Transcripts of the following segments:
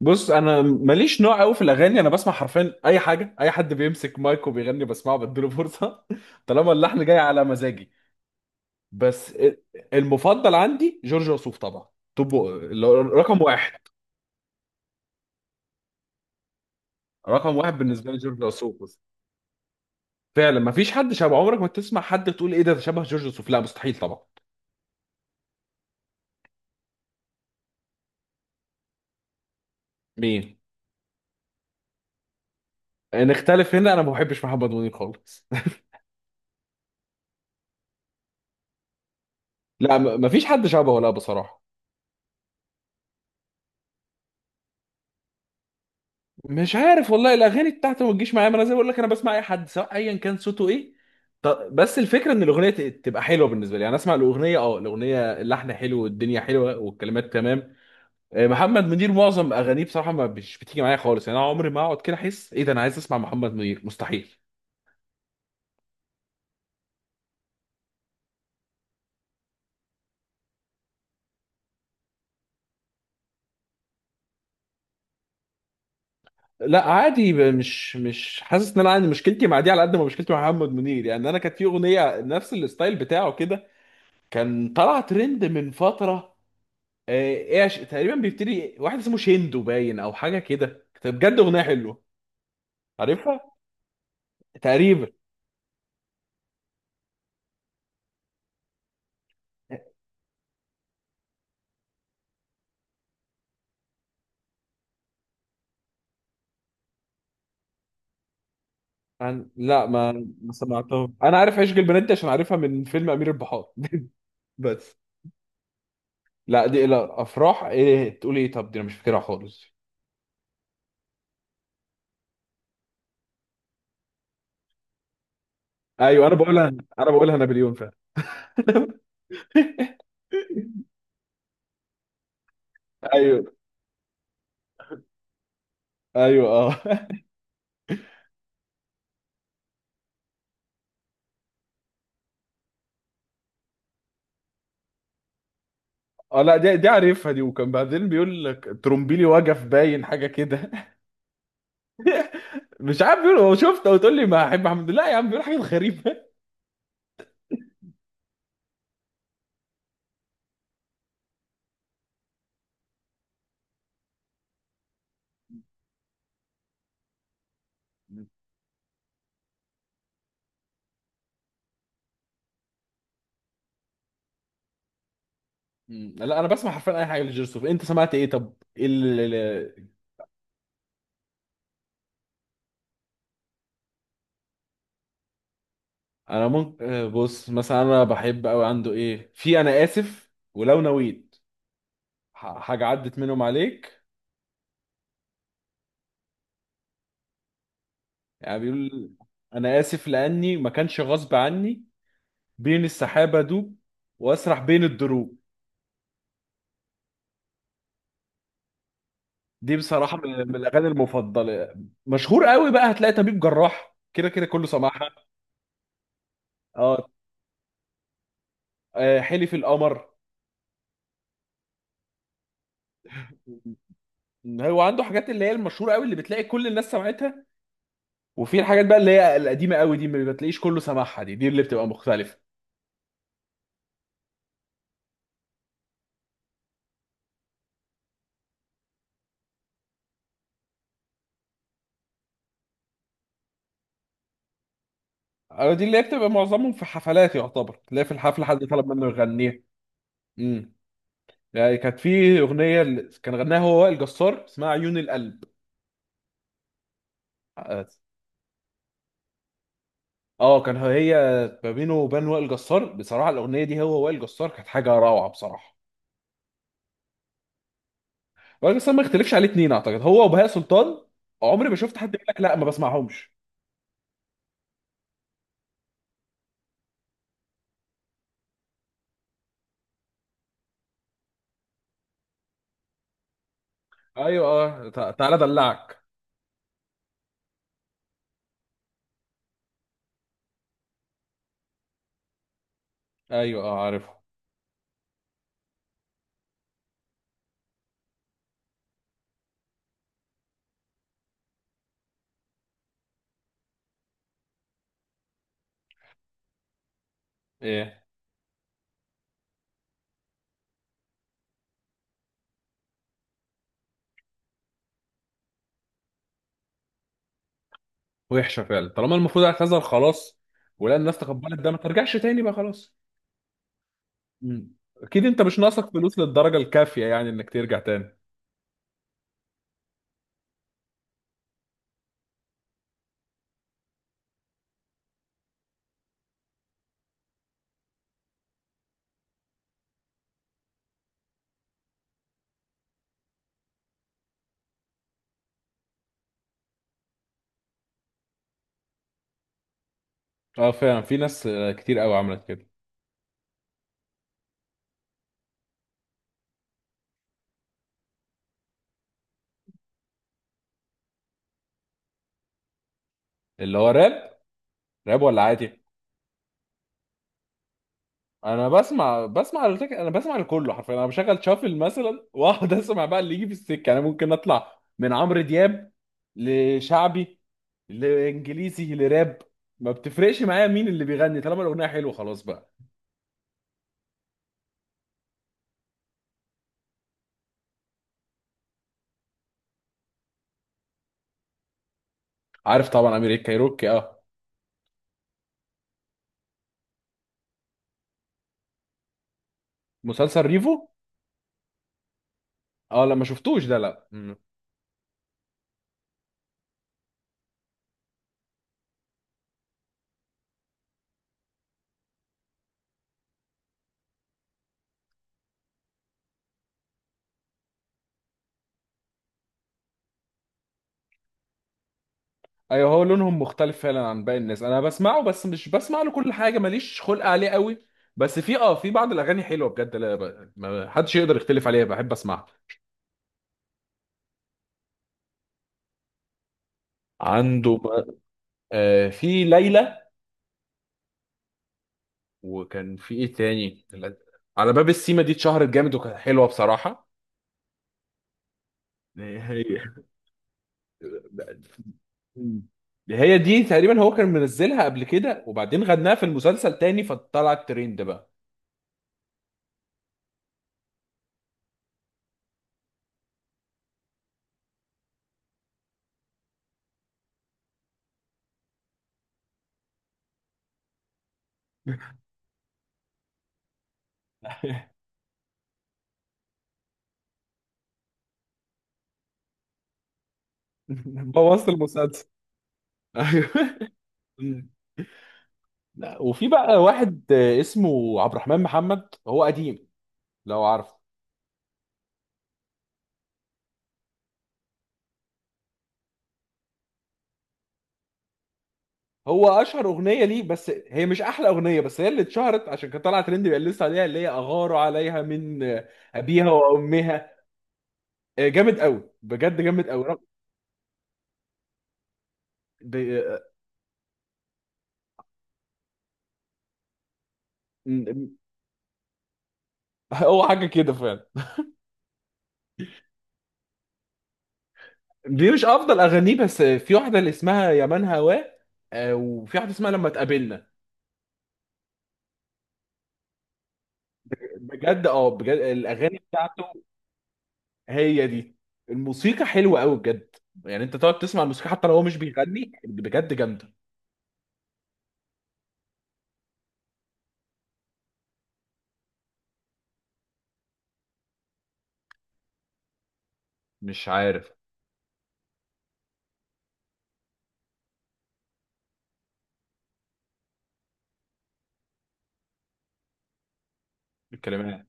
بص، انا ماليش نوع قوي في الاغاني. انا بسمع حرفيا اي حاجه، اي حد بيمسك مايك وبيغني بسمعه بديله فرصه طالما اللحن جاي على مزاجي. بس، المفضل عندي جورج وسوف طبعا. طب اللي هو رقم واحد. رقم واحد بالنسبه لي جورج وسوف بس. فعلا، ما فيش حد شبه. عمرك ما تسمع حد تقول ايه ده ده شبه جورج وسوف، لا، مستحيل طبعا. مين؟ نختلف هنا، انا ما بحبش محمد منير خالص لا، ما فيش حد شبهه، لا بصراحه. مش عارف والله، الاغاني بتاعته ما تجيش معايا. ما انا زي ما بقول لك انا بسمع اي حد سواء ايا كان صوته ايه. بس الفكره ان الاغنيه تبقى حلوه بالنسبه لي، يعني اسمع الاغنيه اللحن حلو والدنيا حلوه والكلمات تمام. محمد منير معظم اغانيه بصراحه ما مش بتيجي معايا خالص، يعني انا عمري ما اقعد كده احس ايه ده، انا عايز اسمع محمد منير؟ مستحيل. لا، عادي، مش حاسس ان انا عندي مشكلتي مع دي على قد ما مشكلتي مع محمد منير. يعني انا كانت في اغنيه نفس الستايل بتاعه كده، كان طلع ترند من فتره. ايه تقريبا بيبتدي واحد اسمه شيندو باين او حاجه كده، كانت بجد اغنيه حلوه. عارفها تقريبا. لا، ما سمعتهم، انا عارف عشق البنات دي عشان عارفها من فيلم امير البحار بس. لا دي لا افراح، ايه تقول ايه؟ طب دي انا مش فاكرها خالص. ايوه، انا بقولها نابليون فعلا ايوه، ايوه، اه. اه، لا دي عارفها، دي وكان بعدين بيقول لك ترومبيلي وجف باين حاجه كده مش عارف، بيقول هو شفت وتقول لي ما احب حمد الله يا عم، بيقول حاجه غريبه. مم. لا، انا بسمع حرفيا اي حاجه لجيرسوف. انت سمعت ايه؟ طب ايه انا ممكن بص مثلا، انا بحب قوي عنده ايه في انا اسف ولو نويت. حاجه عدت منهم عليك. يعني بيقول: انا اسف لاني ما كانش غصب عني، بين السحابه دوب، واسرح بين الدروب. دي بصراحه من الاغاني المفضله. مشهور قوي بقى، هتلاقي طبيب جراح كده كده كله سمعها. اه. حلف القمر. هو عنده حاجات اللي هي المشهوره قوي اللي بتلاقي كل الناس سمعتها، وفي الحاجات بقى اللي هي القديمه قوي دي ما بتلاقيش كله سامعها، دي اللي بتبقى مختلفه. أو دي اللي هي بتبقى معظمهم في حفلات، يعتبر تلاقي في الحفله حد طلب منه يغنيها. امم يعني كانت في اغنيه كان غناها هو وائل جسار، اسمها عيون القلب. اه. كان هي ما بينه وبين وائل جسار بصراحه، الاغنيه دي هو وائل جسار كانت حاجه روعه بصراحه. وائل جسار ما يختلفش عليه اتنين، اعتقد هو وبهاء سلطان. عمري ما شفت حد يقول لك لا ما بسمعهمش. ايوه اه. تعالى ادلعك. ايوه اه، عارفه ايه؟ وحشه فعلا، طالما المفروض اعتذر خلاص. ولا الناس تقبلت ده، ما ترجعش تاني بقى خلاص. مم. اكيد، انت مش ناقصك فلوس للدرجه الكافيه يعني انك ترجع تاني. اه فعلا، في ناس كتير قوي عملت كده. اللي هو راب؟ راب ولا عادي؟ انا بسمع لكله حرفيا، انا بشغل شافل مثلا واقعد اسمع بقى اللي يجي في السكه. انا ممكن اطلع من عمرو دياب لشعبي، لانجليزي، لراب. ما بتفرقش معايا مين اللي بيغني، طالما الاغنيه حلوه خلاص بقى. عارف طبعا، امير الكايروكي اه. مسلسل ريفو. اه لا، ما شفتوش ده، لا. مم. ايوه، هو لونهم مختلف فعلا عن باقي الناس، انا بسمعه بس مش بسمع له كل حاجه، ماليش خلق عليه قوي. بس في بعض الاغاني حلوه بجد، لا ما حدش يقدر يختلف عليها، بحب اسمعها. عنده في ليلى. وكان في ايه تاني؟ على باب السيما دي اتشهرت جامد وكانت حلوه بصراحه. هي هي دي تقريبا هو كان منزلها قبل كده، وبعدين غناها في المسلسل تاني فطلعت ترند بقى. بوظت المسلسل. ايوه مم. لا، وفي بقى واحد اسمه عبد الرحمن محمد، هو قديم لو عارفه. هو اشهر اغنيه ليه بس هي مش احلى اغنيه، بس هي اللي اتشهرت عشان كانت طالعه ترند بيقال لسه عليها، اللي هي اغار عليها من ابيها وامها. جامد قوي بجد، جامد قوي ب- آه، م- م- هو حاجه كده فعلا. دي مش افضل اغانيه، بس في واحده اللي اسمها يا من هواه، وفي واحده اسمها لما تقابلنا. بجد اه بجد الاغاني. هي دي. الموسيقى حلوة قوي بجد، يعني انت تقعد تسمع الموسيقى حتى لو هو مش بيغني، بجد جامدة. مش عارف الكلمات.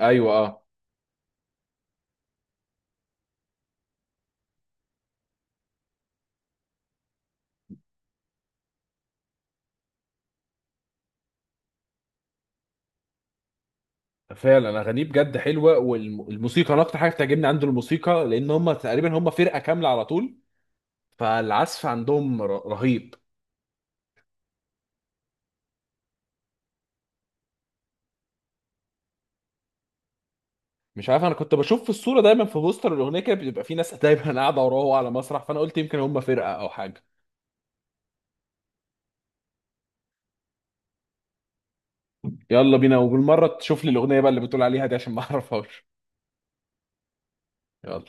ايوه اه فعلا، اغانيه بجد حلوة، والموسيقى انا اكتر حاجة بتعجبني عنده الموسيقى، لان هم تقريبا فرقة كاملة على طول، فالعزف عندهم رهيب. مش عارف، انا كنت بشوف في الصورة دايما، في بوستر الاغنية كده بيبقى في ناس دايما قاعدة وراه على مسرح، فانا قلت يمكن هم فرقة او حاجة. يلا بينا، وبالمرة تشوف لي الاغنية بقى اللي بتقول عليها دي عشان ما اعرفهاش. يلا.